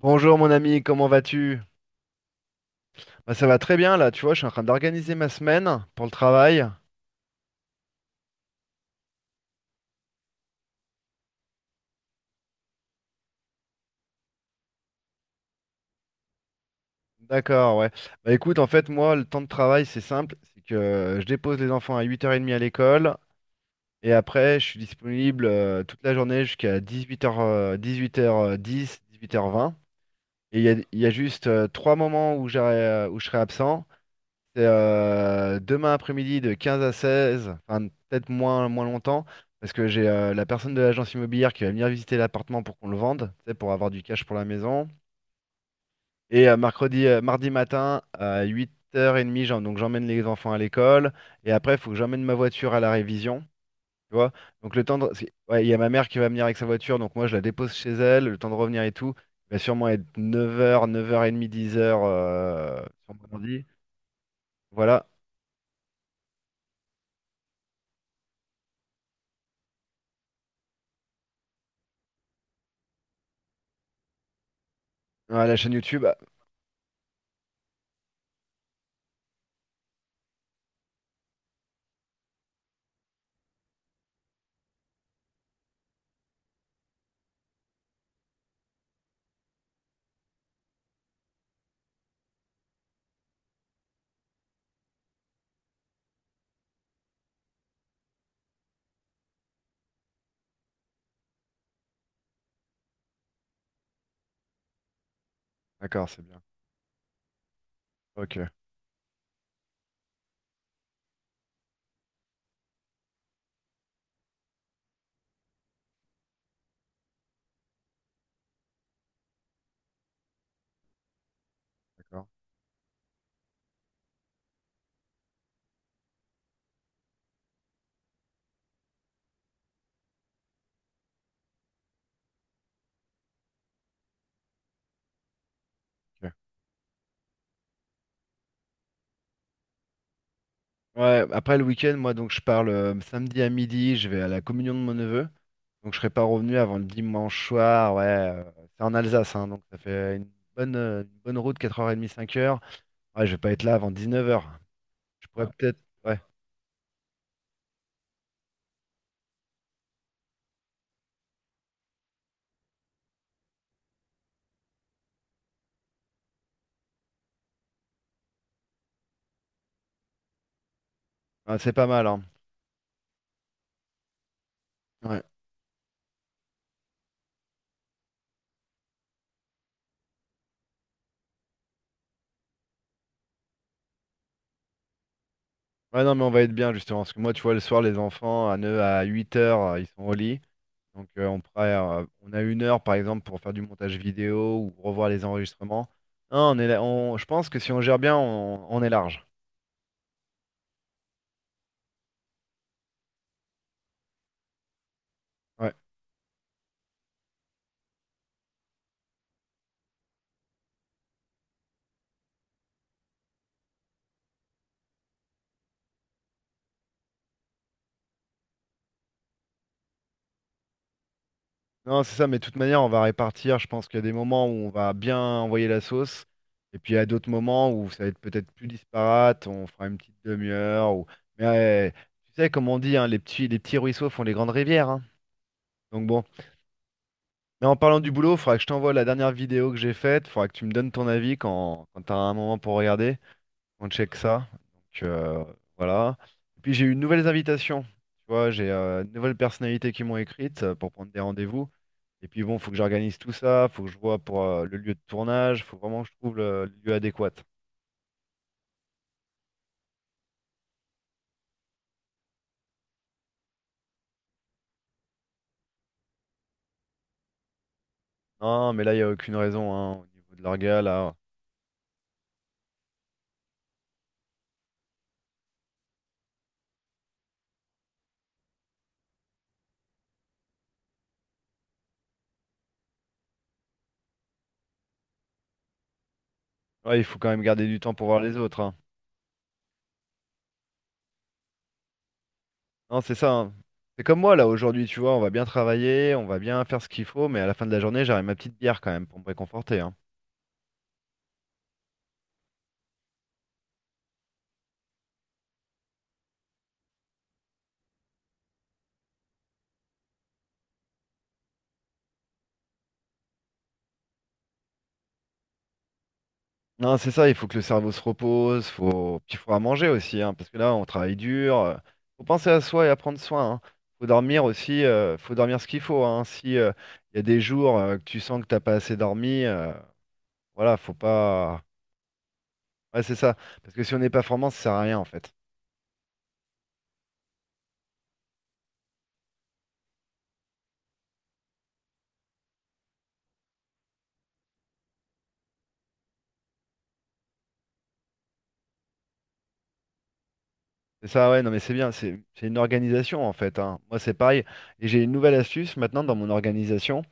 Bonjour mon ami, comment vas-tu? Bah, ça va très bien là, tu vois, je suis en train d'organiser ma semaine pour le travail. D'accord, ouais. Bah écoute, en fait, moi, le temps de travail, c'est simple, c'est que je dépose les enfants à 8h30 à l'école. Et après, je suis disponible toute la journée jusqu'à 18 h, dix-huit heures dix, 10 18 18h20. Et il y a juste trois moments où où je serai absent. C'est demain après-midi de 15 à 16, enfin peut-être moins, moins longtemps, parce que j'ai la personne de l'agence immobilière qui va venir visiter l'appartement pour qu'on le vende, tu sais, pour avoir du cash pour la maison. Et mercredi, mardi matin à 8h30, donc j'emmène les enfants à l'école. Et après, il faut que j'emmène ma voiture à la révision. Tu vois? Donc le temps de... ouais, il y a ma mère qui va venir avec sa voiture, donc moi je la dépose chez elle, le temps de revenir et tout. Il va sûrement être 9h, 9h30, 10h sur mon ordi. Voilà. Ouais, la chaîne YouTube. D'accord, c'est bien. Ok, d'accord. Ok. Ouais, après le week-end, moi donc je parle samedi à midi, je vais à la communion de mon neveu. Donc je serai pas revenu avant le dimanche soir. Ouais, c'est en Alsace, hein, donc ça fait une bonne route, 4h30, 5 heures. Ouais, je vais pas être là avant 19 h. Je pourrais, ouais, peut-être. Ouais, ouais, c'est pas mal, hein. Ouais. Ouais, non, mais on va être bien justement. Parce que moi, tu vois, le soir, les enfants, à 9 à 8 heures, ils sont au lit. Donc on pourrait, on a une heure par exemple pour faire du montage vidéo ou revoir les enregistrements. Non, on est là- on- je pense que si on gère bien, on est large. Ouais. Non, c'est ça, mais de toute manière, on va répartir. Je pense qu'il y a des moments où on va bien envoyer la sauce, et puis il y a d'autres moments où ça va être peut-être plus disparate. On fera une petite demi-heure. Ou... Mais tu sais, comme on dit, hein, les petits ruisseaux font les grandes rivières. Hein. Donc bon. Mais en parlant du boulot, il faudra que je t'envoie la dernière vidéo que j'ai faite. Il faudra que tu me donnes ton avis quand tu as un moment pour regarder. On check ça. Donc voilà. Et puis j'ai eu de nouvelles invitations. Tu vois, j'ai de nouvelles personnalités qui m'ont écrite pour prendre des rendez-vous. Et puis bon, faut que j'organise tout ça, faut que je vois pour le lieu de tournage, faut vraiment que je trouve le lieu adéquat. Non, mais là, il n'y a aucune raison, hein, au niveau de l'orga, là. Ouais, il faut quand même garder du temps pour voir les autres, hein. Non, c'est ça, hein. C'est comme moi, là, aujourd'hui, tu vois, on va bien travailler, on va bien faire ce qu'il faut, mais à la fin de la journée, j'aurai ma petite bière quand même pour me réconforter, hein. Non, c'est ça, il faut que le cerveau se repose, faut... puis il faudra manger aussi, hein, parce que là, on travaille dur. Faut penser à soi et à prendre soin. Hein. Faut dormir aussi, faut dormir ce qu'il faut. Hein. Si il y a des jours que tu sens que t'as pas assez dormi, voilà, faut pas. Ouais, c'est ça. Parce que si on n'est pas formant, ça sert à rien en fait. C'est ça, ouais, non mais c'est bien, c'est une organisation en fait. Hein. Moi, c'est pareil. Et j'ai une nouvelle astuce maintenant dans mon organisation,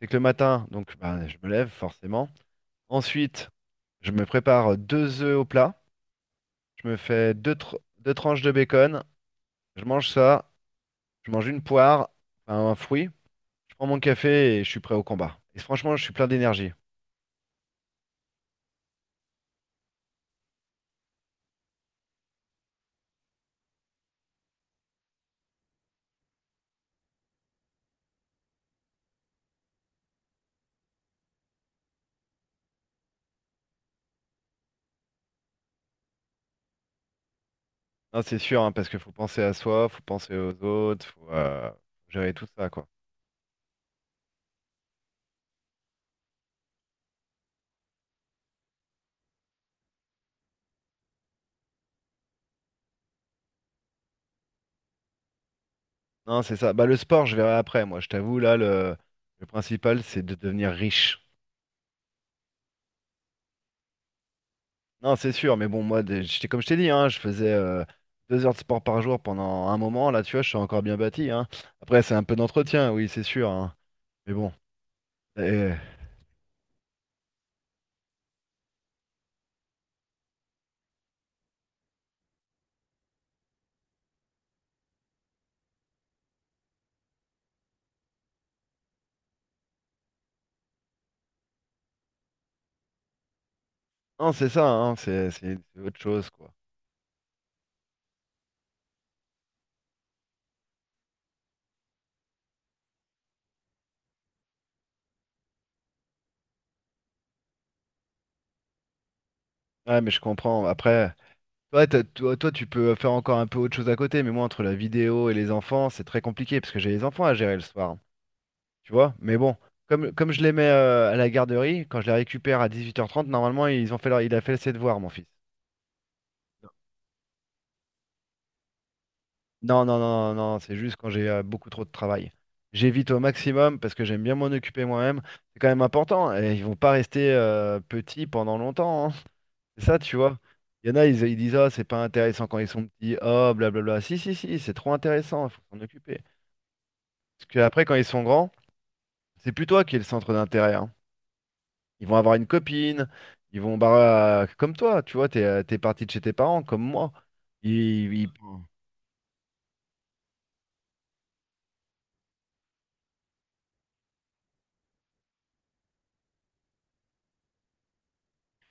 c'est que le matin, donc bah, je me lève forcément. Ensuite, je me prépare deux œufs au plat. Je me fais deux tranches de bacon. Je mange ça. Je mange une poire, enfin, un fruit. Je prends mon café et je suis prêt au combat. Et franchement, je suis plein d'énergie. Non, c'est sûr, hein, parce qu'il faut penser à soi, faut penser aux autres, faut gérer tout ça, quoi. Non, c'est ça. Bah, le sport, je verrai après. Moi, je t'avoue, là, le principal, c'est de devenir riche. Non, c'est sûr, mais bon, moi, j'étais comme je t'ai dit, hein, je faisais 2 heures de sport par jour pendant un moment. Là, tu vois, je suis encore bien bâti, hein. Après, c'est un peu d'entretien, oui, c'est sûr, hein. Mais bon. Et non, c'est ça, hein, c'est autre chose, quoi. Ouais, mais je comprends. Après, toi, tu peux faire encore un peu autre chose à côté, mais moi, entre la vidéo et les enfants, c'est très compliqué, parce que j'ai les enfants à gérer le soir, hein, tu vois. Mais bon, comme je les mets à la garderie, quand je les récupère à 18 h 30 normalement, ils ont fait leur, il a fait ses devoirs, mon fils. Non, non, non, non, non, c'est juste quand j'ai beaucoup trop de travail. J'évite au maximum, parce que j'aime bien m'en occuper moi-même. C'est quand même important, et ils vont pas rester petits pendant longtemps, hein. C'est ça, tu vois. Il y en a, ils disent, ah, c'est pas intéressant quand ils sont petits, oh, blablabla. Si, si, si, c'est trop intéressant, il faut s'en occuper. Parce qu'après, quand ils sont grands, c'est plus toi qui es le centre d'intérêt. Hein. Ils vont avoir une copine, ils vont, bah, comme toi, tu vois, t'es parti de chez tes parents, comme moi. Ils-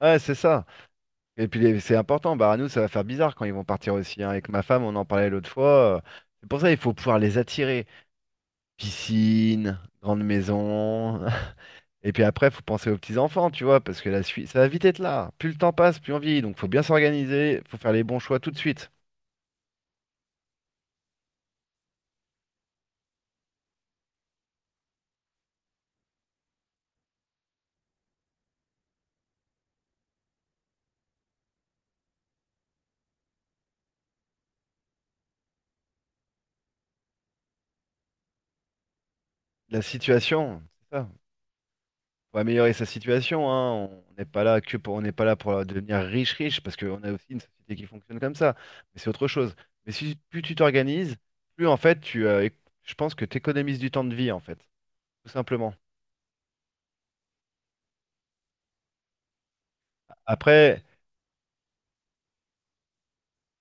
ouais, c'est ça. Et puis, les- c'est important, bah, à nous, ça va faire bizarre quand ils vont partir aussi. Hein. Avec ma femme, on en parlait l'autre fois. Euh, C'est pour ça il faut pouvoir les attirer. Piscine, grande maison. Et puis après, faut penser aux petits-enfants, tu vois, parce que la suite, ça va vite être là. Plus le temps passe, plus on vieillit. Donc, faut bien s'organiser, faut faire les bons choix tout de suite. La situation, c'est ça. Faut améliorer sa situation, hein. On n'est pas là pour devenir riche, riche, parce qu'on a aussi une société qui fonctionne comme ça. Mais c'est autre chose. Mais si plus tu t'organises, plus en fait, tu, je pense que tu économises du temps de vie, en fait, tout simplement. Après,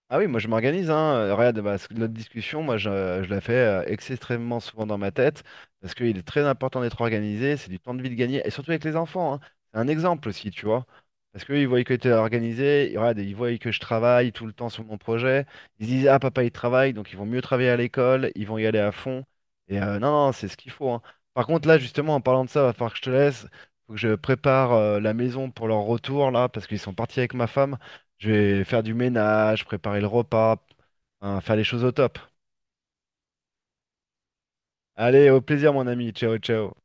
ah oui, moi je m'organise, hein. Regarde, bah, notre discussion, je la fais extrêmement souvent dans ma tête, parce qu'il est très important d'être organisé, c'est du temps de vie de gagner, et surtout avec les enfants, hein. C'est un exemple aussi, tu vois. Parce qu'ils voient que tu es organisé, ils regarde, ils voient que je travaille tout le temps sur mon projet, ils se disent, ah papa il travaille, donc ils vont mieux travailler à l'école, ils vont y aller à fond. Et non, non, c'est ce qu'il faut, hein. Par contre, là, justement, en parlant de ça, va falloir que je te laisse, faut que je prépare la maison pour leur retour, là, parce qu'ils sont partis avec ma femme. Je vais faire du ménage, préparer le repas, hein, faire les choses au top. Allez, au plaisir, mon ami. Ciao, ciao.